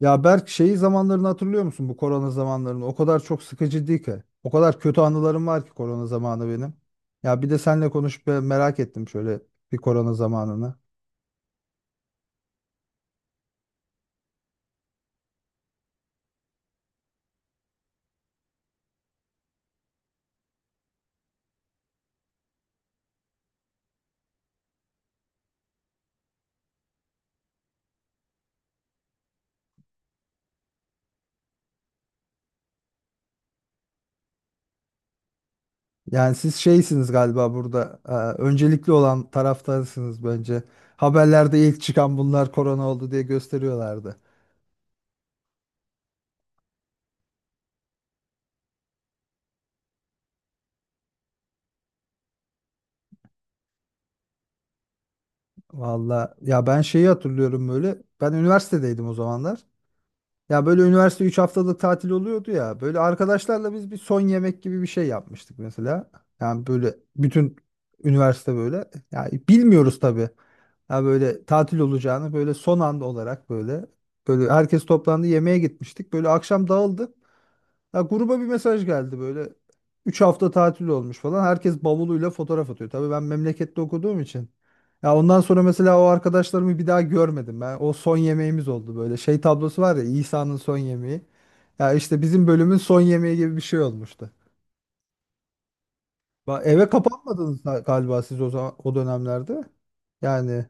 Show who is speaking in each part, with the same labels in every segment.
Speaker 1: Ya Berk şeyi zamanlarını hatırlıyor musun bu korona zamanlarını? O kadar çok sıkıcı değil ki. O kadar kötü anılarım var ki korona zamanı benim. Ya bir de seninle konuşup ben merak ettim şöyle bir korona zamanını. Yani siz şeysiniz galiba burada öncelikli olan taraftarsınız bence. Haberlerde ilk çıkan bunlar korona oldu diye gösteriyorlardı. Valla ya ben şeyi hatırlıyorum böyle. Ben üniversitedeydim o zamanlar. Ya böyle üniversite 3 haftalık tatil oluyordu ya. Böyle arkadaşlarla biz bir son yemek gibi bir şey yapmıştık mesela. Yani böyle bütün üniversite böyle. Yani bilmiyoruz tabii. Ya böyle tatil olacağını böyle son anda olarak böyle herkes toplandı yemeğe gitmiştik. Böyle akşam dağıldık. Ya gruba bir mesaj geldi böyle. Üç hafta tatil olmuş falan. Herkes bavuluyla fotoğraf atıyor. Tabii ben memlekette okuduğum için. Ya ondan sonra mesela o arkadaşlarımı bir daha görmedim ben. O son yemeğimiz oldu böyle. Şey tablosu var ya, İsa'nın son yemeği. Ya işte bizim bölümün son yemeği gibi bir şey olmuştu. Eve kapanmadınız galiba siz o zaman o dönemlerde. Yani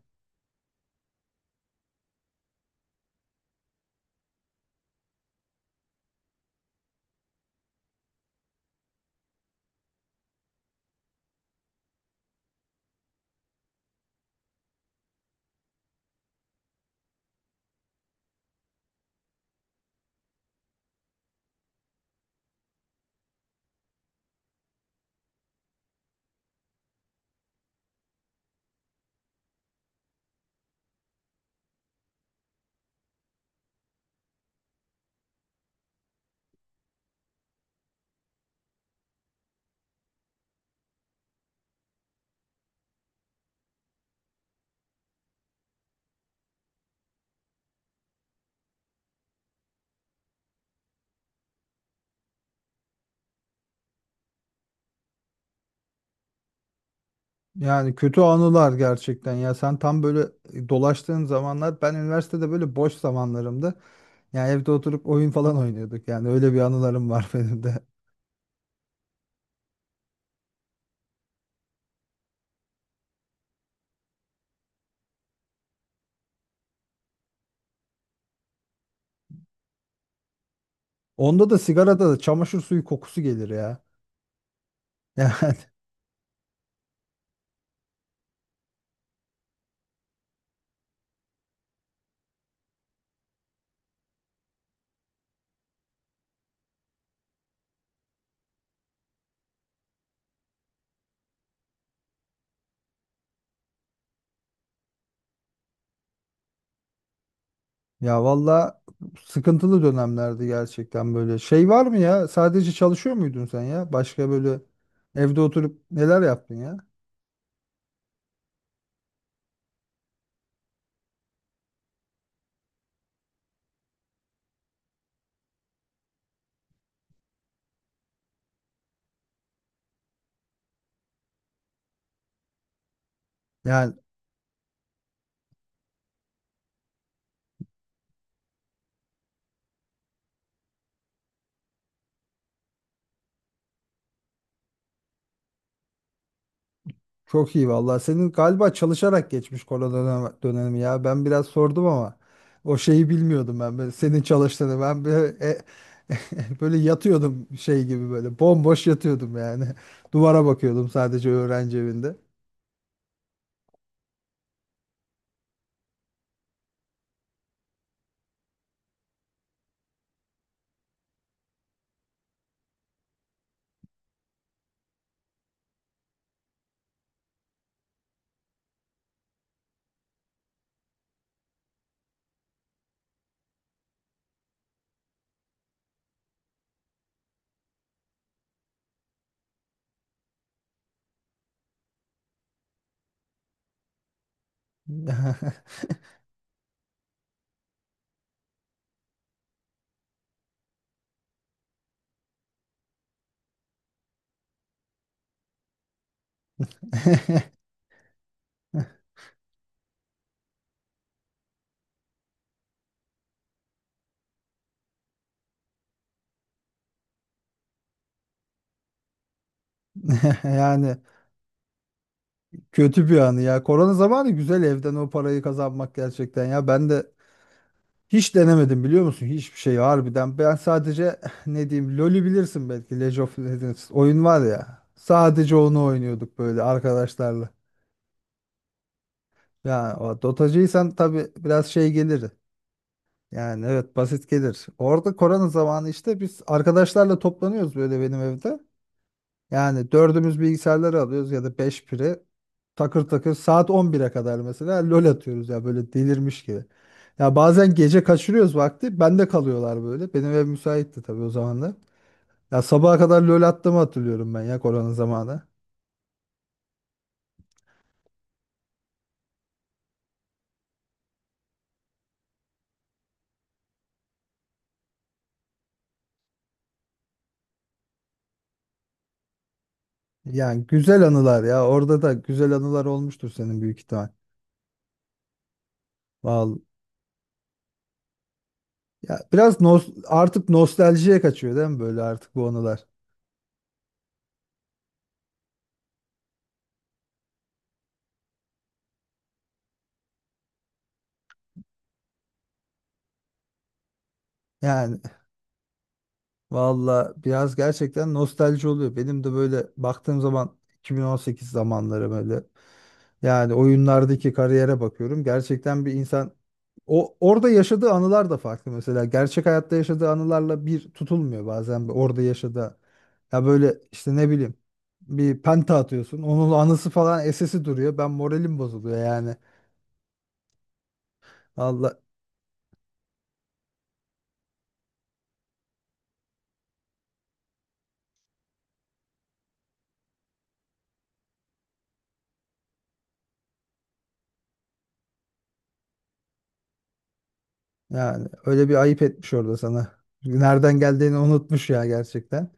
Speaker 1: yani kötü anılar gerçekten ya, sen tam böyle dolaştığın zamanlar ben üniversitede böyle boş zamanlarımda. Yani evde oturup oyun falan oynuyorduk yani, öyle bir anılarım var benim de. Onda da sigarada da çamaşır suyu kokusu gelir ya. Yani ya valla sıkıntılı dönemlerdi gerçekten böyle. Şey var mı ya, sadece çalışıyor muydun sen ya? Başka böyle evde oturup neler yaptın ya? Yani çok iyi valla. Senin galiba çalışarak geçmiş korona dönemi ya. Ben biraz sordum ama o şeyi bilmiyordum ben. Böyle senin çalıştığını ben böyle böyle yatıyordum şey gibi böyle bomboş yatıyordum yani. Duvara bakıyordum sadece öğrenci evinde. Yani kötü bir anı ya. Korona zamanı güzel, evden o parayı kazanmak gerçekten ya. Ben de hiç denemedim, biliyor musun? Hiçbir şey harbiden. Ben sadece ne diyeyim, LoL'ü bilirsin belki. League of Legends oyun var ya. Sadece onu oynuyorduk böyle arkadaşlarla. Ya o Dotacıysan tabii biraz şey gelir. Yani evet, basit gelir. Orada korona zamanı işte biz arkadaşlarla toplanıyoruz böyle benim evde. Yani dördümüz bilgisayarları alıyoruz ya da beş biri, takır takır saat 11'e kadar mesela lol atıyoruz ya, böyle delirmiş gibi. Ya bazen gece kaçırıyoruz vakti, bende kalıyorlar böyle. Benim ev müsaitti tabii o zaman. Ya sabaha kadar lol attığımı hatırlıyorum ben ya, korona zamanı. Yani güzel anılar ya, orada da güzel anılar olmuştur senin büyük ihtimal. Vallahi. Ya biraz artık nostaljiye kaçıyor değil mi böyle artık bu anılar? Yani valla biraz gerçekten nostalji oluyor. Benim de böyle baktığım zaman 2018 zamanları böyle, yani oyunlardaki kariyere bakıyorum. Gerçekten bir insan o orada yaşadığı anılar da farklı mesela. Gerçek hayatta yaşadığı anılarla bir tutulmuyor bazen bir orada yaşadığı. Ya böyle işte ne bileyim, bir penta atıyorsun. Onun anısı falan esesi duruyor. Ben moralim bozuluyor yani. Valla yani öyle bir ayıp etmiş orada sana. Nereden geldiğini unutmuş ya gerçekten.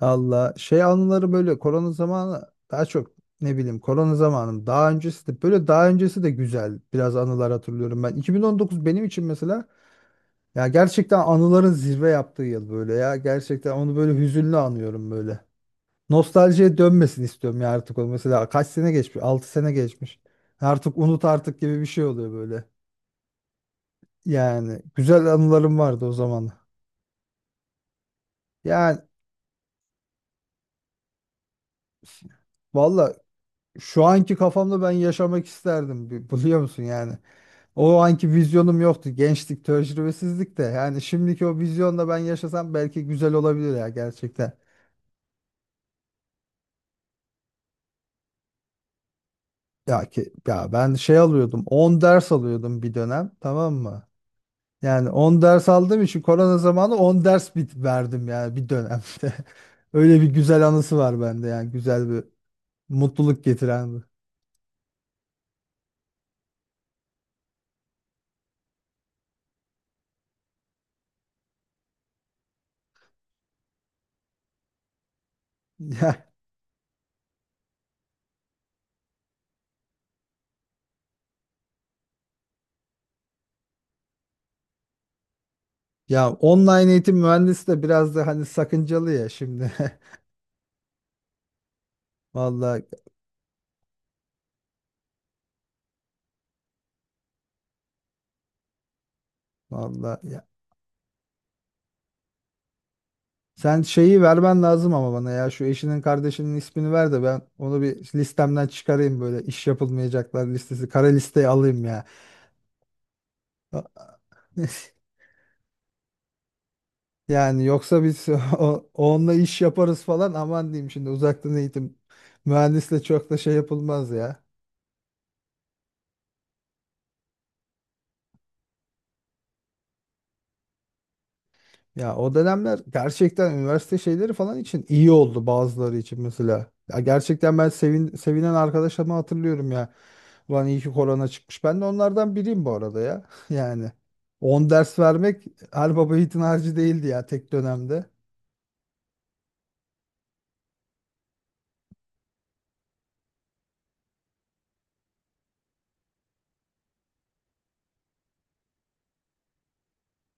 Speaker 1: Allah şey anıları böyle, korona zamanı daha çok ne bileyim, korona zamanım daha öncesi de böyle, daha öncesi de güzel biraz anılar hatırlıyorum ben. 2019 benim için mesela ya gerçekten anıların zirve yaptığı yıl böyle, ya gerçekten onu böyle hüzünlü anıyorum böyle. Nostaljiye dönmesin istiyorum ya artık o, mesela kaç sene geçmiş, 6 sene geçmiş artık, unut artık gibi bir şey oluyor böyle. Yani güzel anılarım vardı o zaman yani. Valla, şu anki kafamda ben yaşamak isterdim, biliyor musun yani. O anki vizyonum yoktu. Gençlik, tecrübesizlik de. Yani şimdiki o vizyonla ben yaşasam belki güzel olabilir ya gerçekten. Ya ki ya ben şey alıyordum. 10 ders alıyordum bir dönem, tamam mı? Yani 10 ders aldığım için korona zamanı 10 ders bit verdim yani bir dönemde. Öyle bir güzel anısı var bende, yani güzel bir mutluluk getiren bir. Ya, ya online eğitim mühendisi de biraz da hani sakıncalı ya şimdi. Vallahi. Vallahi ya. Sen şeyi vermen lazım ama bana ya, şu eşinin kardeşinin ismini ver de ben onu bir listemden çıkarayım böyle, iş yapılmayacaklar listesi, kara listeye alayım ya. Yani yoksa biz onunla iş yaparız falan, aman diyeyim, şimdi uzaktan eğitim mühendisle çok da şey yapılmaz ya. Ya o dönemler gerçekten üniversite şeyleri falan için iyi oldu bazıları için mesela. Ya gerçekten ben sevinen arkadaşlarımı hatırlıyorum ya. Ulan iyi ki korona çıkmış. Ben de onlardan biriyim bu arada ya. Yani 10 ders vermek her baba yiğidin harcı değildi ya tek dönemde.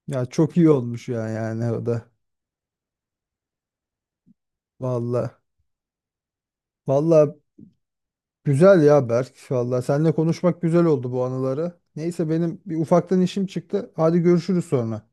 Speaker 1: Ya çok iyi olmuş ya, yani o da. Valla. Valla güzel ya Berk. Valla seninle konuşmak güzel oldu bu anıları. Neyse benim bir ufaktan işim çıktı. Hadi görüşürüz sonra.